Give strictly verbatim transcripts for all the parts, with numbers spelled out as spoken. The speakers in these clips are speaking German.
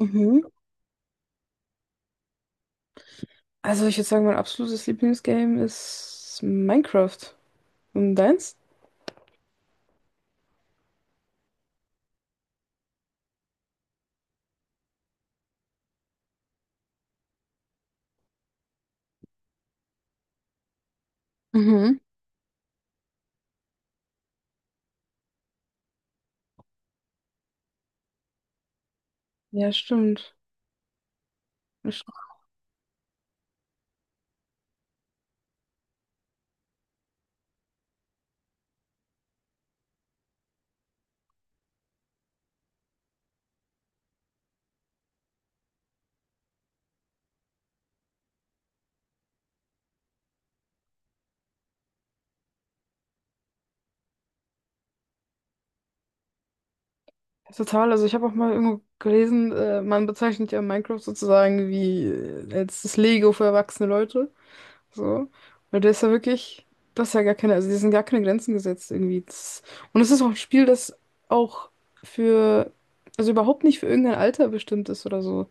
Mhm. Also ich würde sagen, mein absolutes Lieblingsgame ist Minecraft. Und deins? Mhm. Ja, stimmt. Das stimmt total. Also ich habe auch mal irgendwo gelesen, äh, man bezeichnet ja Minecraft sozusagen wie äh, als das Lego für erwachsene Leute. So. Weil der ist ja wirklich, das ist ja gar keine, also die sind gar keine Grenzen gesetzt irgendwie. Das, und es ist auch ein Spiel, das auch für, also überhaupt nicht für irgendein Alter bestimmt ist oder so.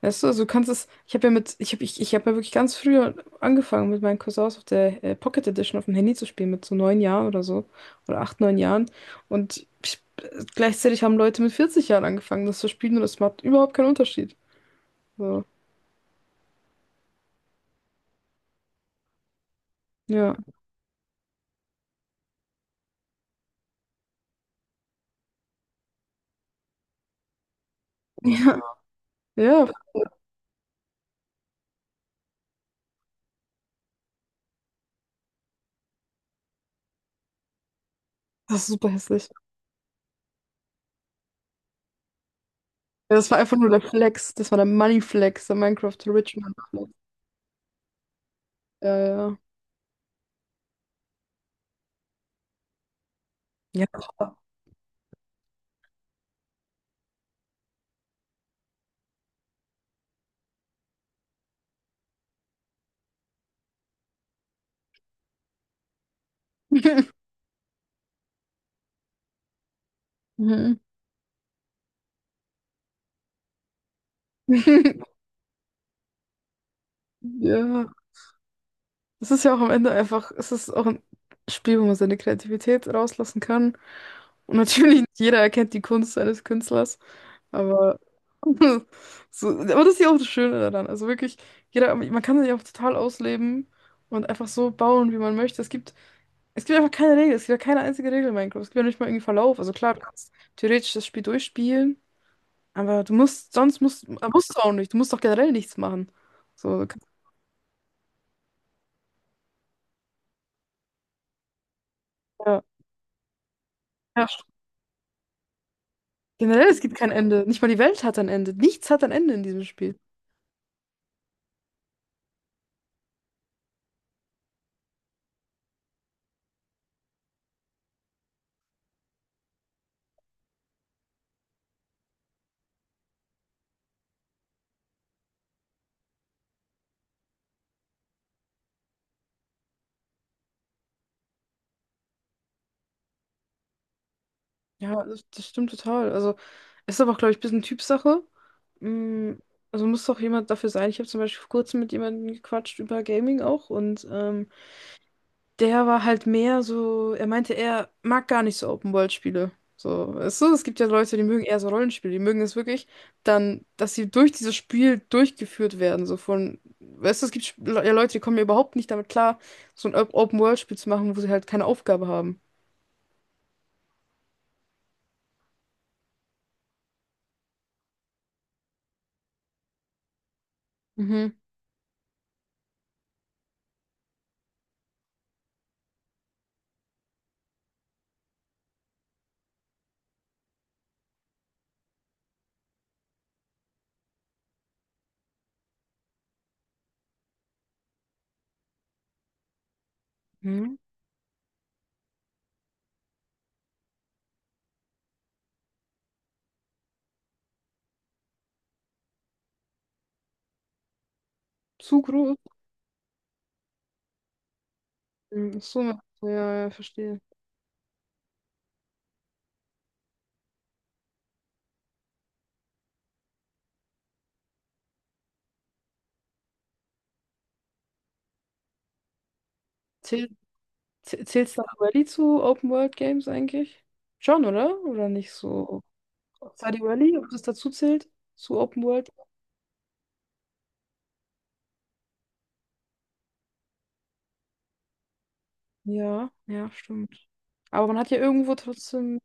Weißt du, also du kannst es, ich habe ja mit, ich habe ich, ich hab ja wirklich ganz früh angefangen mit meinen Cousins auf der äh, Pocket Edition auf dem Handy zu spielen, mit so neun Jahren oder so. Oder acht, neun Jahren. Und ich, gleichzeitig haben Leute mit vierzig Jahren angefangen, das zu spielen und es macht überhaupt keinen Unterschied. So, ja. Ja, ja, das ist super hässlich. Ja, das war einfach nur der Flex. Das war der Money Flex, der Minecraft Rich Man Flex. Ja, ja. Ja. Mhm. Ja. Es ist ja auch am Ende einfach, es ist auch ein Spiel, wo man seine Kreativität rauslassen kann. Und natürlich nicht jeder erkennt die Kunst eines Künstlers, aber, so, aber das ist ja auch das Schöne daran. Also wirklich, jeder, man kann sich auch total ausleben und einfach so bauen, wie man möchte. Es gibt, es gibt einfach keine Regel, es gibt ja keine einzige Regel in Minecraft. Es gibt ja nicht mal irgendwie Verlauf. Also klar, du kannst theoretisch das Spiel durchspielen, aber du musst, sonst musst, musst du auch nicht. Du musst doch generell nichts machen. So, du kannst ja. Ja. Generell, es gibt kein Ende. Nicht mal die Welt hat ein Ende. Nichts hat ein Ende in diesem Spiel. Ja, das, das stimmt total. Also, es ist aber auch, glaube ich, ein bisschen Typsache. Mm, Also muss doch jemand dafür sein. Ich habe zum Beispiel vor kurzem mit jemandem gequatscht über Gaming auch und ähm, der war halt mehr so, er meinte, er mag gar nicht so Open-World-Spiele. So, weißt du, es gibt ja Leute, die mögen eher so Rollenspiele, die mögen es wirklich dann, dass sie durch dieses Spiel durchgeführt werden, so von, weißt du, es gibt Sp- ja Leute, die kommen ja überhaupt nicht damit klar, so ein Op- Open-World-Spiel zu machen, wo sie halt keine Aufgabe haben. Mhm. Mhm. Zu groß. Mhm. Ach so, ja, ja, ja, verstehe. Zähl, zäh- zählt Stardew Valley zu Open-World-Games eigentlich? Schon, oder? Oder nicht so? Stardew Valley, ob das dazu zählt? Zu Open-World? Ja, ja, stimmt. Aber man hat ja irgendwo trotzdem.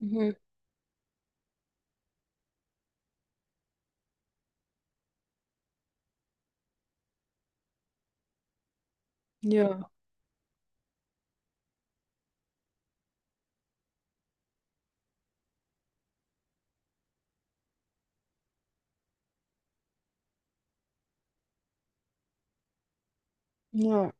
Mhm. Ja, ja,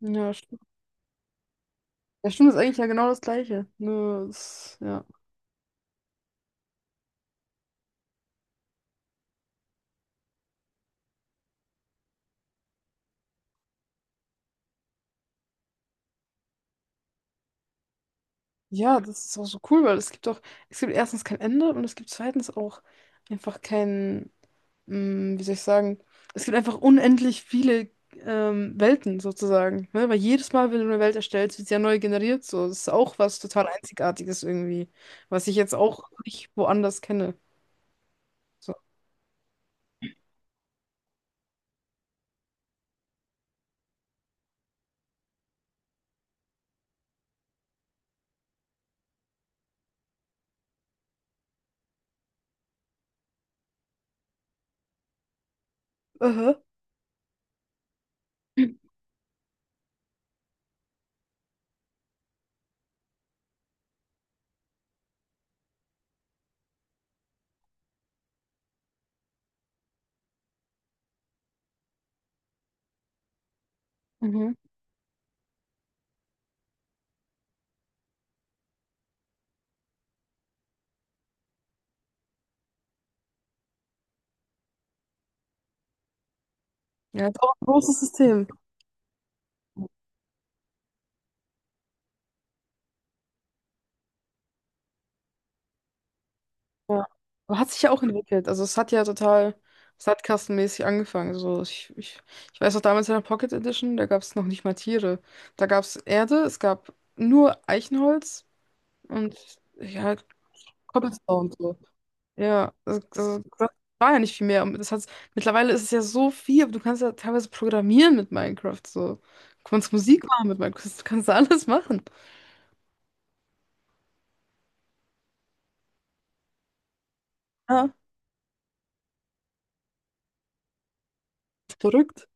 ja, stimmt. Ja, stimmt, ist eigentlich ja genau das Gleiche. Nur, es- ja. Ja, das ist auch so cool, weil es gibt doch, es gibt erstens kein Ende und es gibt zweitens auch einfach kein, mm, wie soll ich sagen, es gibt einfach unendlich viele ähm, Welten sozusagen. Ne? Weil jedes Mal, wenn du eine Welt erstellst, wird sie ja neu generiert. So, das ist auch was total Einzigartiges irgendwie, was ich jetzt auch nicht woanders kenne. So. Aha. Mhm. Ja, ist auch ein großes System. Ja. Aber hat sich ja auch entwickelt. Also es hat ja total sandkastenmäßig angefangen. So, ich, ich, ich weiß noch damals in der Pocket Edition, da gab es noch nicht mal Tiere. Da gab es Erde, es gab nur Eichenholz und ja, Cobblestone und so. Ja, also, also, das war ja nicht viel mehr. Und Das hat, mittlerweile ist es ja so viel, aber du kannst ja teilweise programmieren mit Minecraft. So. Du kannst Musik machen mit Minecraft, du kannst alles machen. Ja, verrückt.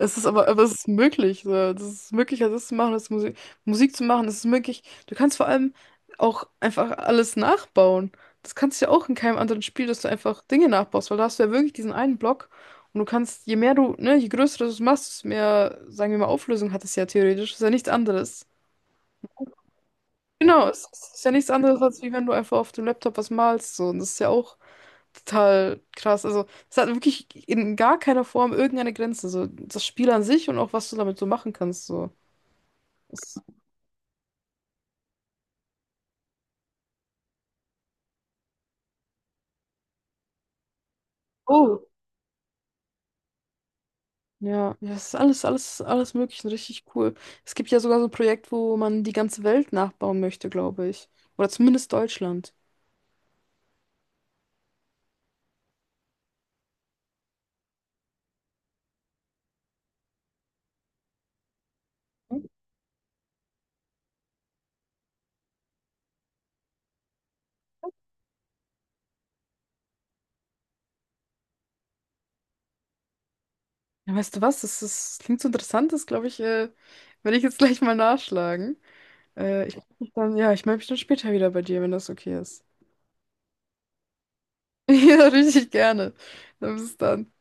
Es ist aber, aber es ist möglich. So. Das ist möglich, also das zu machen, das Musik, Musik zu machen, das ist möglich. Du kannst vor allem auch einfach alles nachbauen. Das kannst du ja auch in keinem anderen Spiel, dass du einfach Dinge nachbaust, weil da hast du ja wirklich diesen einen Block und du kannst, je mehr du, ne, je größer du es machst, desto mehr, sagen wir mal, Auflösung hat es ja theoretisch. Ist ja nichts anderes. Genau, es ist ja nichts anderes, als wie wenn du einfach auf dem Laptop was malst. So. Und das ist ja auch total krass. Also, es hat wirklich in gar keiner Form irgendeine Grenze. So, das Spiel an sich und auch was du damit so machen kannst. So. Es, oh. Ja, ja, es ist alles, alles, alles möglich richtig cool. Es gibt ja sogar so ein Projekt, wo man die ganze Welt nachbauen möchte, glaube ich. Oder zumindest Deutschland. Ja, weißt du was? Das, ist, das klingt so interessant, das glaube ich, äh, werde ich jetzt gleich mal nachschlagen. Äh, ich meld mich dann, ja, ich melde mich dann später wieder bei dir, wenn das okay ist. Ja, richtig gerne. Dann bis dann.